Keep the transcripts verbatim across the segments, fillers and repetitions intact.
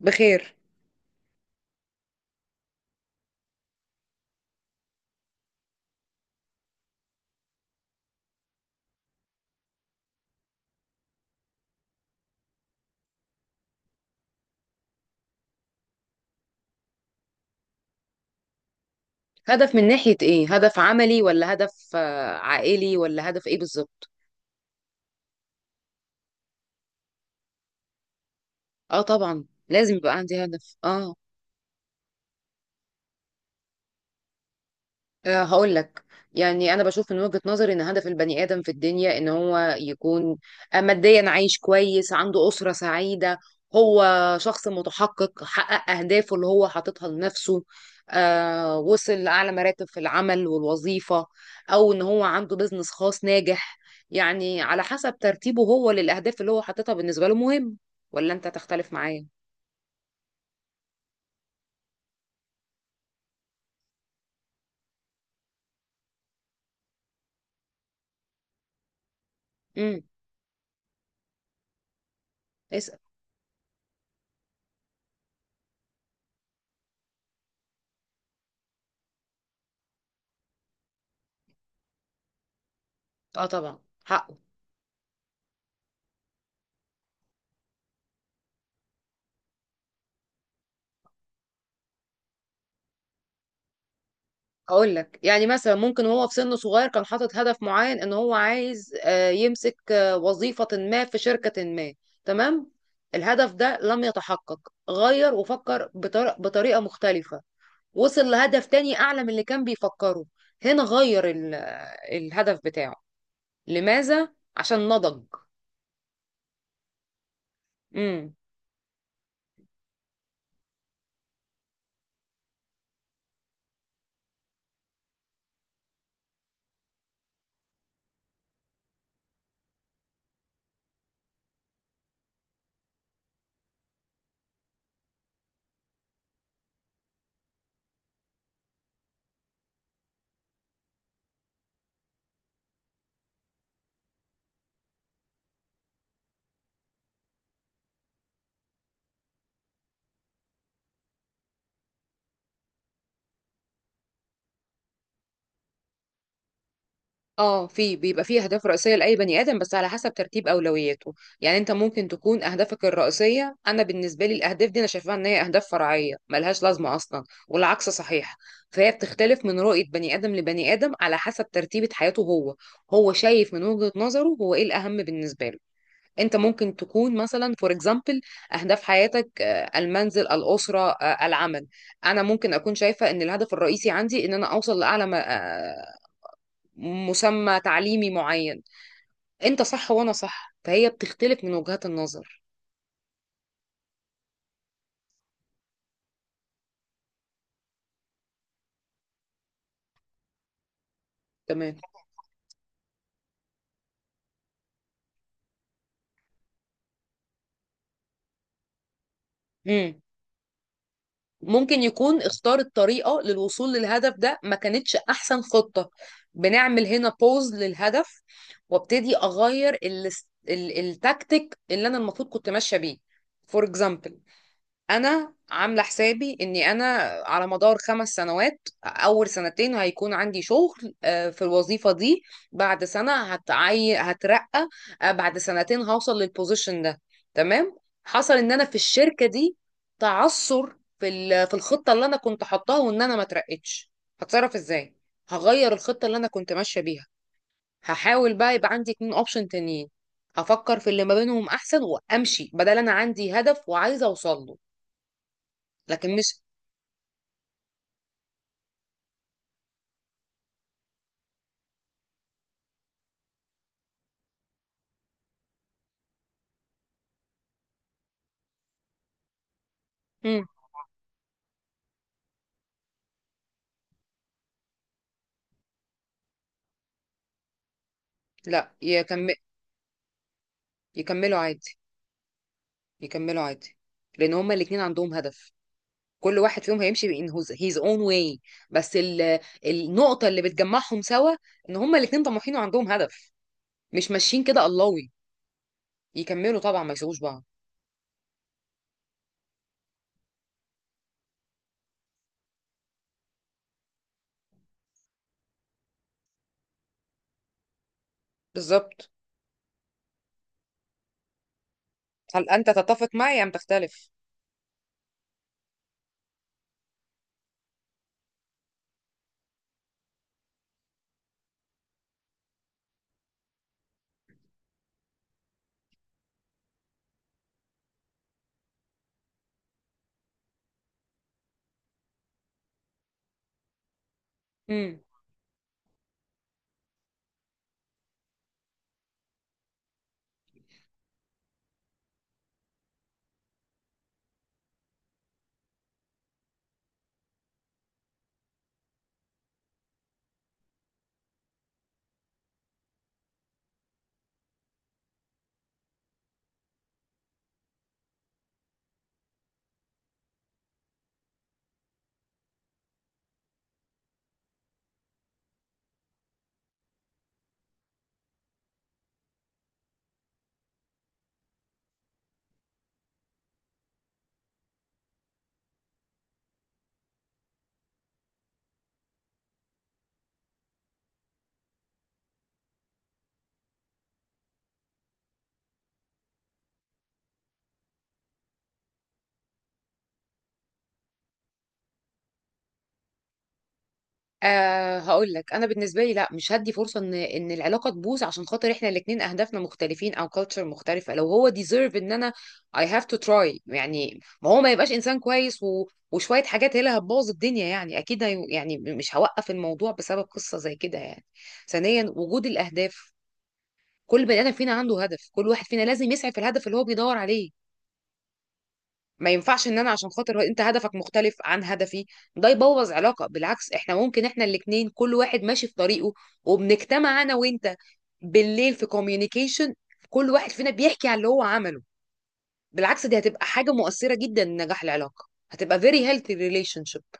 بخير. هدف من ناحية ايه؟ هدف عملي ولا هدف آه، عائلي ولا هدف ايه بالظبط؟ اه، طبعا لازم يبقى عندي هدف اه آه، هقول لك. يعني انا بشوف من وجهة نظري ان هدف البني ادم في الدنيا ان هو يكون آه، ماديا عايش كويس، عنده اسرة سعيدة. هو شخص متحقق حقق اهدافه اللي هو حاططها لنفسه، آه وصل لاعلى مراتب في العمل والوظيفة، او ان هو عنده بيزنس خاص ناجح. يعني على حسب ترتيبه هو للاهداف اللي هو حاططها بالنسبة له مهم. ولا انت تختلف معايا؟ امم. اسأل. اه، طبعا، حقه. هقول لك يعني، مثلا ممكن وهو في سن صغير كان حاطط هدف معين ان هو عايز آه، يمسك آه، وظيفة ما في شركة ما. تمام. الهدف ده لم يتحقق، غير وفكر بطر- بطريقة مختلفة، وصل لهدف تاني اعلى من اللي كان بيفكره. هنا غير ال- الهدف بتاعه. لماذا؟ عشان نضج. اه، في بيبقى فيه اهداف رئيسيه لاي بني ادم، بس على حسب ترتيب اولوياته. يعني انت ممكن تكون اهدافك الرئيسيه، انا بالنسبه لي الاهداف دي انا شايفاها ان هي اهداف فرعيه ملهاش لازمه اصلا، والعكس صحيح. فهي بتختلف من رؤيه بني ادم لبني ادم على حسب ترتيبه حياته هو. هو شايف من وجهه نظره هو ايه الاهم بالنسبه له. انت ممكن تكون مثلا فور اكزامبل اهداف حياتك آه، المنزل، الاسره، آه، العمل. انا ممكن اكون شايفه ان الهدف الرئيسي عندي ان انا اوصل لاعلى مسمى تعليمي معين. انت صح وانا صح، فهي بتختلف من وجهات النظر. تمام. مم. ممكن يكون اختار الطريقة للوصول للهدف ده ما كانتش احسن خطة. بنعمل هنا بوز للهدف، وابتدي اغير ال- ال- التكتيك اللي انا المفروض كنت ماشية بيه. فور اكزامبل، انا عامله حسابي اني انا على مدار خمس سنوات اول سنتين هيكون عندي شغل آه، في الوظيفه دي، بعد سنه هتعي... هترقى، آه، بعد سنتين هوصل للبوزيشن ده. تمام. حصل ان انا في الشركه دي تعثر في ال... في الخطه اللي انا كنت حطاها، وان انا ما اترقتش. هتصرف ازاي؟ هغير الخطه اللي انا كنت ماشيه بيها. هحاول بقى يبقى عندي اتنين اوبشن تانيين، هفكر في اللي ما بينهم احسن وامشي، بدل انا عندي هدف وعايزه اوصل له. لكن مش مم. لا يكمل. يكملوا عادي، يكملوا عادي. لان هما الاتنين عندهم هدف. كل واحد فيهم هيمشي in his his own way، بس ال... النقطة اللي بتجمعهم سوا ان هما الاتنين طموحين وعندهم هدف. مش ماشيين كده اللهوي. يكملوا طبعا، ما يسيبوش بعض. بالظبط. هل انت تتفق معي ام تختلف؟ أه، هقول لك انا بالنسبه لي، لا مش هدي فرصه ان ان العلاقه تبوظ عشان خاطر احنا الاثنين اهدافنا مختلفين او كالتشر مختلفه. لو هو ديزيرف ان انا I have to try. يعني ما هو ما يبقاش انسان كويس و... وشويه حاجات هي اللي هتبوظ الدنيا يعني، اكيد هي... يعني مش هوقف الموضوع بسبب قصه زي كده يعني. ثانيا، وجود الاهداف. كل بني ادم فينا عنده هدف، كل واحد فينا لازم يسعى في الهدف اللي هو بيدور عليه. ما ينفعش ان انا عشان خاطر انت هدفك مختلف عن هدفي ده يبوظ علاقة. بالعكس، احنا ممكن احنا الاتنين كل واحد ماشي في طريقه، وبنجتمع انا وانت بالليل في كوميونيكيشن، كل واحد فينا بيحكي عن اللي هو عمله. بالعكس، دي هتبقى حاجة مؤثرة جدا لنجاح العلاقة، هتبقى very healthy relationship.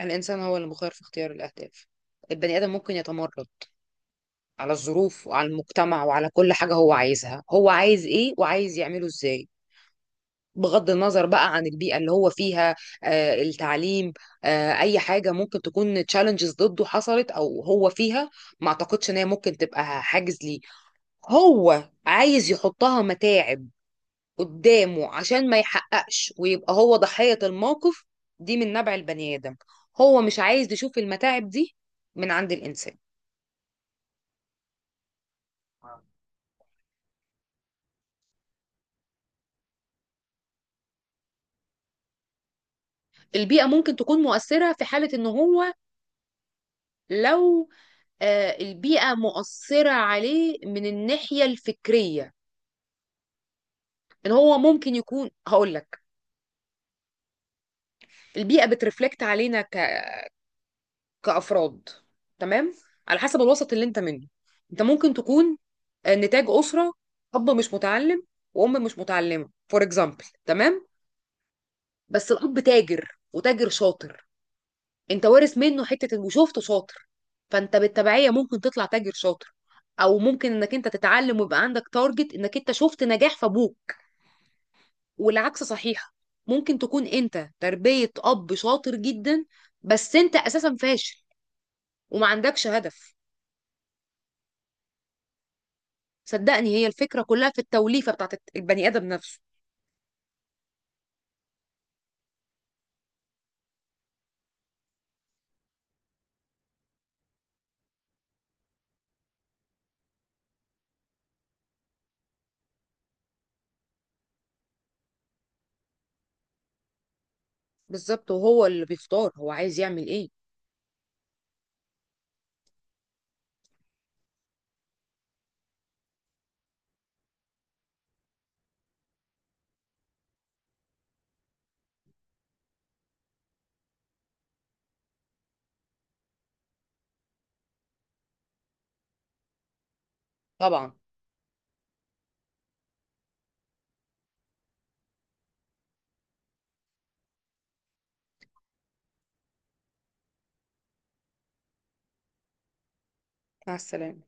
الانسان هو اللي مخير في اختيار الاهداف. البني ادم ممكن يتمرد على الظروف وعلى المجتمع وعلى كل حاجة، هو عايزها، هو عايز ايه وعايز يعمله ازاي، بغض النظر بقى عن البيئة اللي هو فيها، آه، التعليم، آه، أي حاجة ممكن تكون تشالنجز ضده حصلت أو هو فيها. ما أعتقدش إن هي ممكن تبقى حاجز ليه، هو عايز يحطها متاعب قدامه عشان ما يحققش ويبقى هو ضحية الموقف. دي من نبع البني آدم. هو مش عايز يشوف المتاعب دي من عند الإنسان. البيئة ممكن تكون مؤثرة في حالة إن هو، لو آه، البيئة مؤثرة عليه من الناحية الفكرية. ان هو ممكن يكون، هقول لك، البيئه بترفلكت علينا ك... كافراد. تمام. على حسب الوسط اللي انت منه، انت ممكن تكون آه، نتاج اسره اب مش متعلم وام مش متعلمه فور اكزامبل. تمام. بس الاب تاجر وتاجر شاطر، انت وارث منه حته إن- وشفته شاطر، فانت بالتبعيه ممكن تطلع تاجر شاطر. او ممكن انك انت تتعلم ويبقى عندك تارجت انك انت شفت نجاح في ابوك. والعكس صحيح، ممكن تكون انت تربية اب شاطر جدا بس انت اساسا فاشل وما عندكش هدف. صدقني هي الفكرة كلها في التوليفة بتاعت البني ادم نفسه. بالظبط، وهو اللي بيختار هو عايز يعمل ايه. طبعا. مع السلامة.